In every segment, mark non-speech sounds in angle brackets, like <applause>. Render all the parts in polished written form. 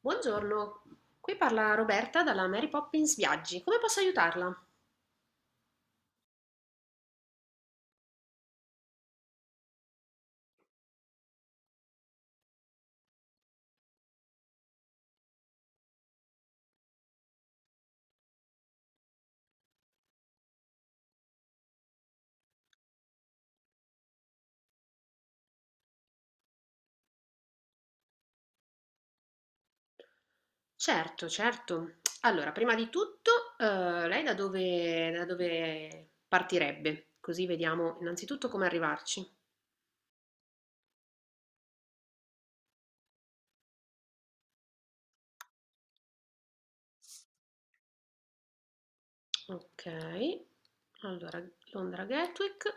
Buongiorno, qui parla Roberta dalla Mary Poppins Viaggi. Come posso aiutarla? Certo, certo. Allora, prima di tutto, lei da dove partirebbe? Così vediamo innanzitutto come arrivarci. Ok, allora Londra Gatwick,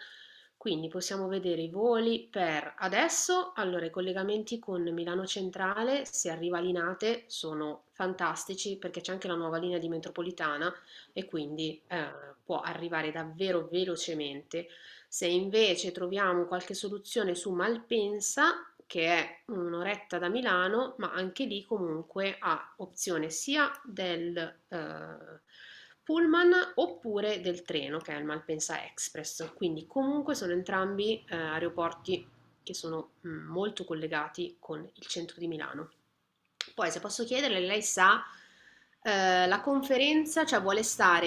quindi possiamo vedere i voli per adesso, allora i collegamenti con Milano Centrale, se arriva a Linate, sono fantastici perché c'è anche la nuova linea di metropolitana e quindi può arrivare davvero velocemente. Se invece troviamo qualche soluzione su Malpensa, che è un'oretta da Milano, ma anche lì comunque ha opzione sia del pullman oppure del treno, che è il Malpensa Express. Quindi comunque sono entrambi aeroporti che sono molto collegati con il centro di Milano. Poi, se posso chiederle, lei sa, la conferenza, cioè vuole stare,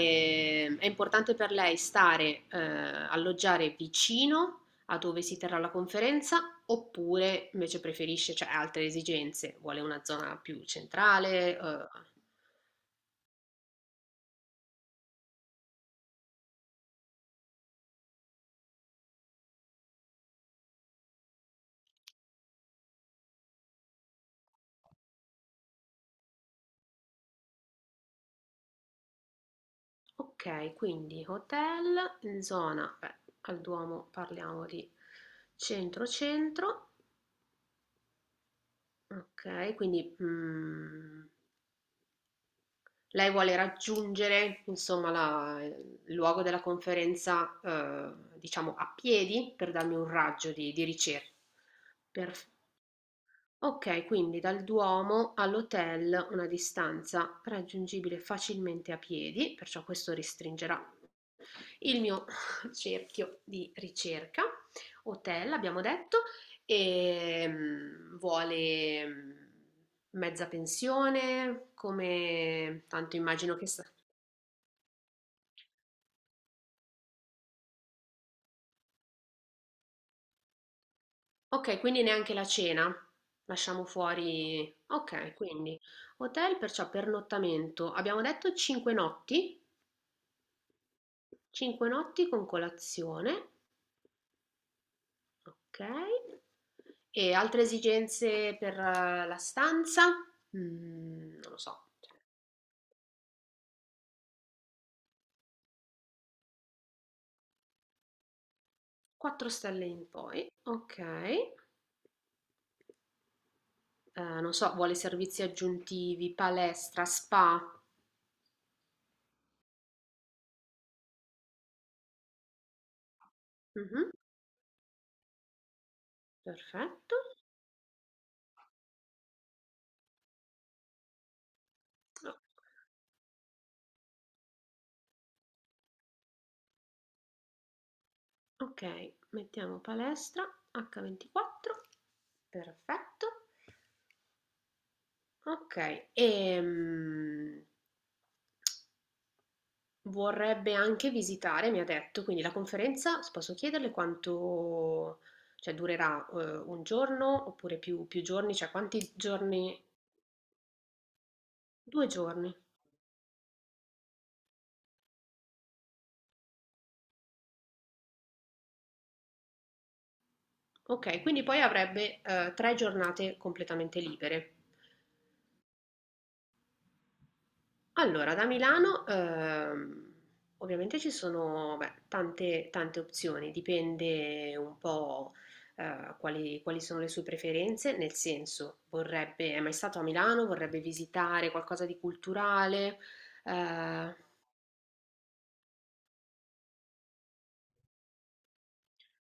è importante per lei stare, alloggiare vicino a dove si terrà la conferenza, oppure invece preferisce, cioè ha altre esigenze, vuole una zona più centrale. Ok, quindi hotel in zona, beh, al Duomo parliamo di centro-centro, ok, quindi lei vuole raggiungere, insomma, il luogo della conferenza, diciamo, a piedi per darmi un raggio di ricerca. Perf- Ok, quindi dal Duomo all'hotel una distanza raggiungibile facilmente a piedi, perciò questo restringerà il mio <laughs> cerchio di ricerca. Hotel, abbiamo detto, e vuole mezza pensione, come tanto immagino che. Ok, quindi neanche la cena. Lasciamo fuori. Ok, quindi hotel, perciò pernottamento. Abbiamo detto 5 notti. 5 notti con colazione. Ok. E altre esigenze per la stanza? Mm, non lo so. 4 stelle in poi. Ok. Non so, vuole servizi aggiuntivi, palestra, spa. Mhm, perfetto. Ok, mettiamo palestra H24, perfetto. Ok, e vorrebbe anche visitare, mi ha detto, quindi la conferenza, posso chiederle quanto, cioè durerà un giorno oppure più giorni, cioè quanti giorni? Due giorni. Ok, quindi poi avrebbe tre giornate completamente libere. Allora, da Milano ovviamente ci sono beh, tante, tante opzioni, dipende un po' quali sono le sue preferenze, nel senso vorrebbe, è mai stato a Milano, vorrebbe visitare qualcosa di culturale. Eh,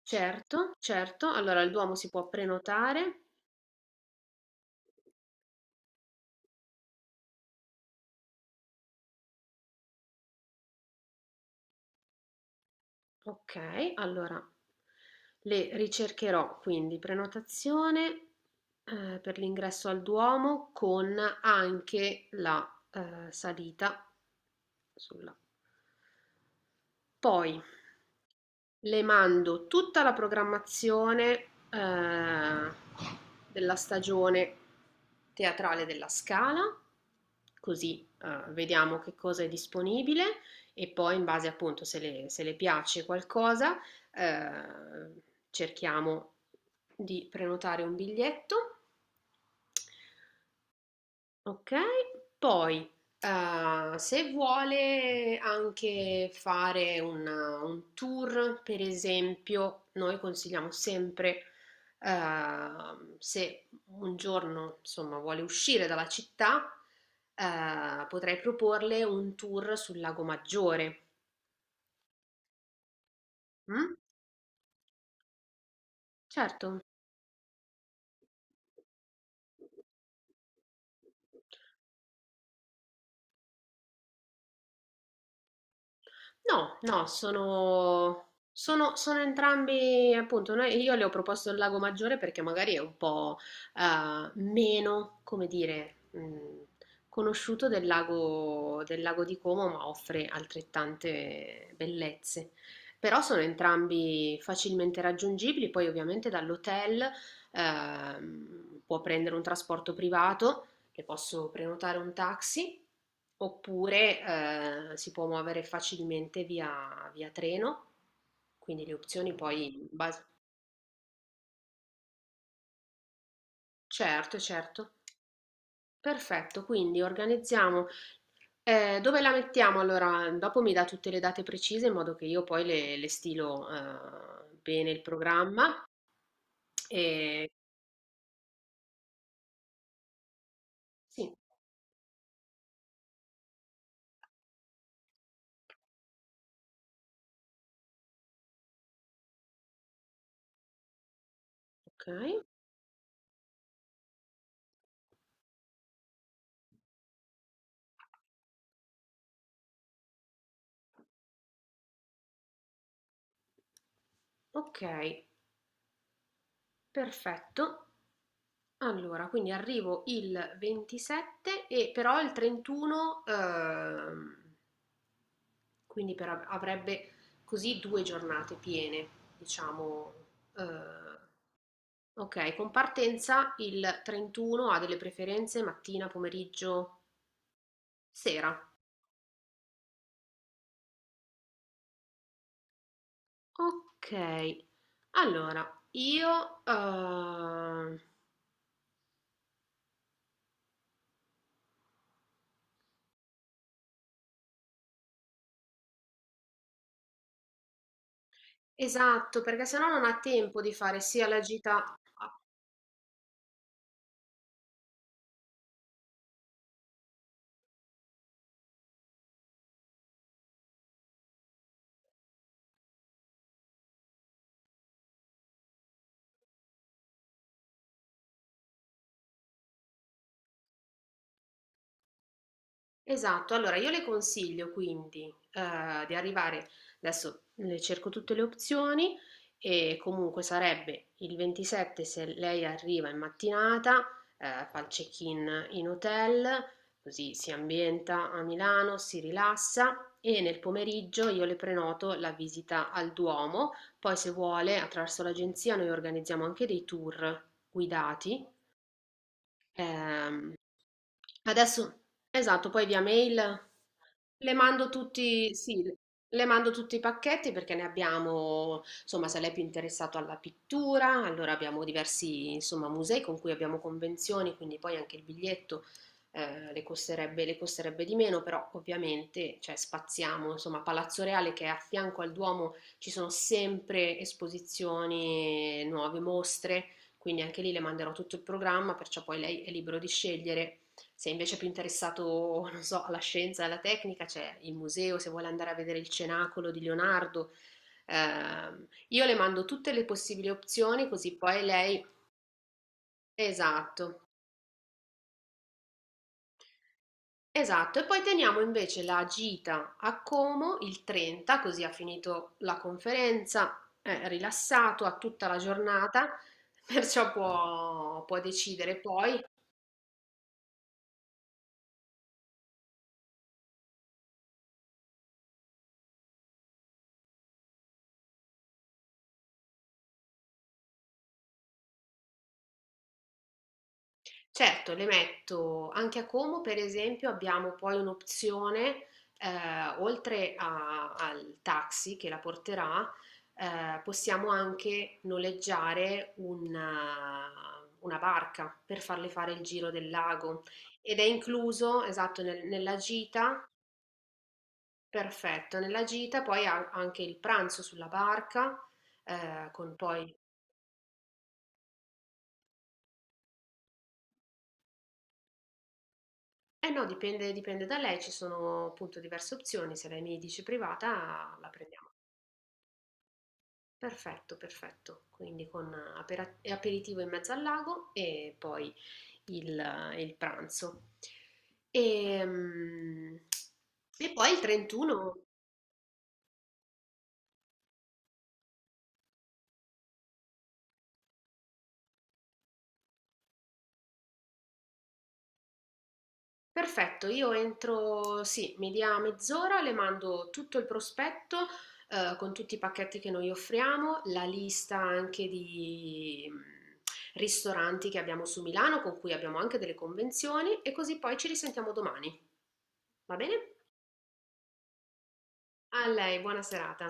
certo, certo, allora il Duomo si può prenotare. Okay, allora le ricercherò, quindi prenotazione, per l'ingresso al Duomo con anche la, salita sulla. Poi le mando tutta la programmazione, della stagione teatrale della Scala, così, vediamo che cosa è disponibile e poi in base appunto se le piace qualcosa, eh, cerchiamo di prenotare un biglietto. Okay, poi, se vuole anche fare un tour, per esempio, noi consigliamo sempre, se un giorno, insomma, vuole uscire dalla città, potrei proporle un tour sul Lago Maggiore. Mh? Certo. No, no, sono entrambi, appunto, io le ho proposto il Lago Maggiore perché magari è un po' meno, come dire, conosciuto del lago di Como, ma offre altrettante bellezze. Però sono entrambi facilmente raggiungibili, poi ovviamente dall'hotel può prendere un trasporto privato che posso prenotare un taxi oppure si può muovere facilmente via treno, quindi le opzioni poi in base. Certo, certo. Perfetto, quindi organizziamo. Dove la mettiamo? Allora, dopo mi dà tutte le date precise in modo che io poi le stilo bene il programma. E... Sì, ok, ok, perfetto. Allora, quindi arrivo il 27 e però il 31, quindi avrebbe così due giornate piene, diciamo. eh, ok, con partenza il 31 ha delle preferenze mattina, pomeriggio, sera? Ok, allora io... ehm, esatto, perché sennò non ha tempo di fare sia la gita. Esatto, allora io le consiglio quindi di arrivare, adesso le cerco tutte le opzioni e comunque sarebbe il 27 se lei arriva in mattinata, fa il check-in in hotel, così si ambienta a Milano, si rilassa e nel pomeriggio io le prenoto la visita al Duomo, poi se vuole attraverso l'agenzia noi organizziamo anche dei tour guidati. Ehm, Adesso esatto, poi via mail le mando tutti, sì, le mando tutti i pacchetti perché ne abbiamo, insomma, se lei è più interessato alla pittura, allora abbiamo diversi, insomma, musei con cui abbiamo convenzioni, quindi poi anche il biglietto le costerebbe di meno, però ovviamente, cioè, spaziamo, insomma, Palazzo Reale che è a fianco al Duomo ci sono sempre esposizioni, nuove mostre. Quindi anche lì le manderò tutto il programma, perciò poi lei è libero di scegliere. Se invece è più interessato, non so, alla scienza e alla tecnica, c'è il museo, se vuole andare a vedere il cenacolo di Leonardo. Io le mando tutte le possibili opzioni, così poi lei. Esatto, esatto. E poi teniamo invece la gita a Como il 30, così ha finito la conferenza, è rilassato, ha tutta la giornata, <laughs> perciò può decidere poi. Certo, le metto anche a Como, per esempio, abbiamo poi un'opzione, oltre al taxi che la porterà, possiamo anche noleggiare una barca per farle fare il giro del lago ed è incluso, esatto, nella gita, perfetto, nella gita poi ha anche il pranzo sulla barca, con poi. Eh no, dipende da lei, ci sono appunto diverse opzioni, se lei mi dice privata la prendiamo. Perfetto, perfetto. Quindi con aperitivo in mezzo al lago e poi il pranzo. Ehm, E, poi il 31. Perfetto, io entro, sì, mi dia mezz'ora, le mando tutto il prospetto con tutti i pacchetti che noi offriamo, la lista anche di ristoranti che abbiamo su Milano, con cui abbiamo anche delle convenzioni, e così poi ci risentiamo domani. Va bene? A lei, buona serata.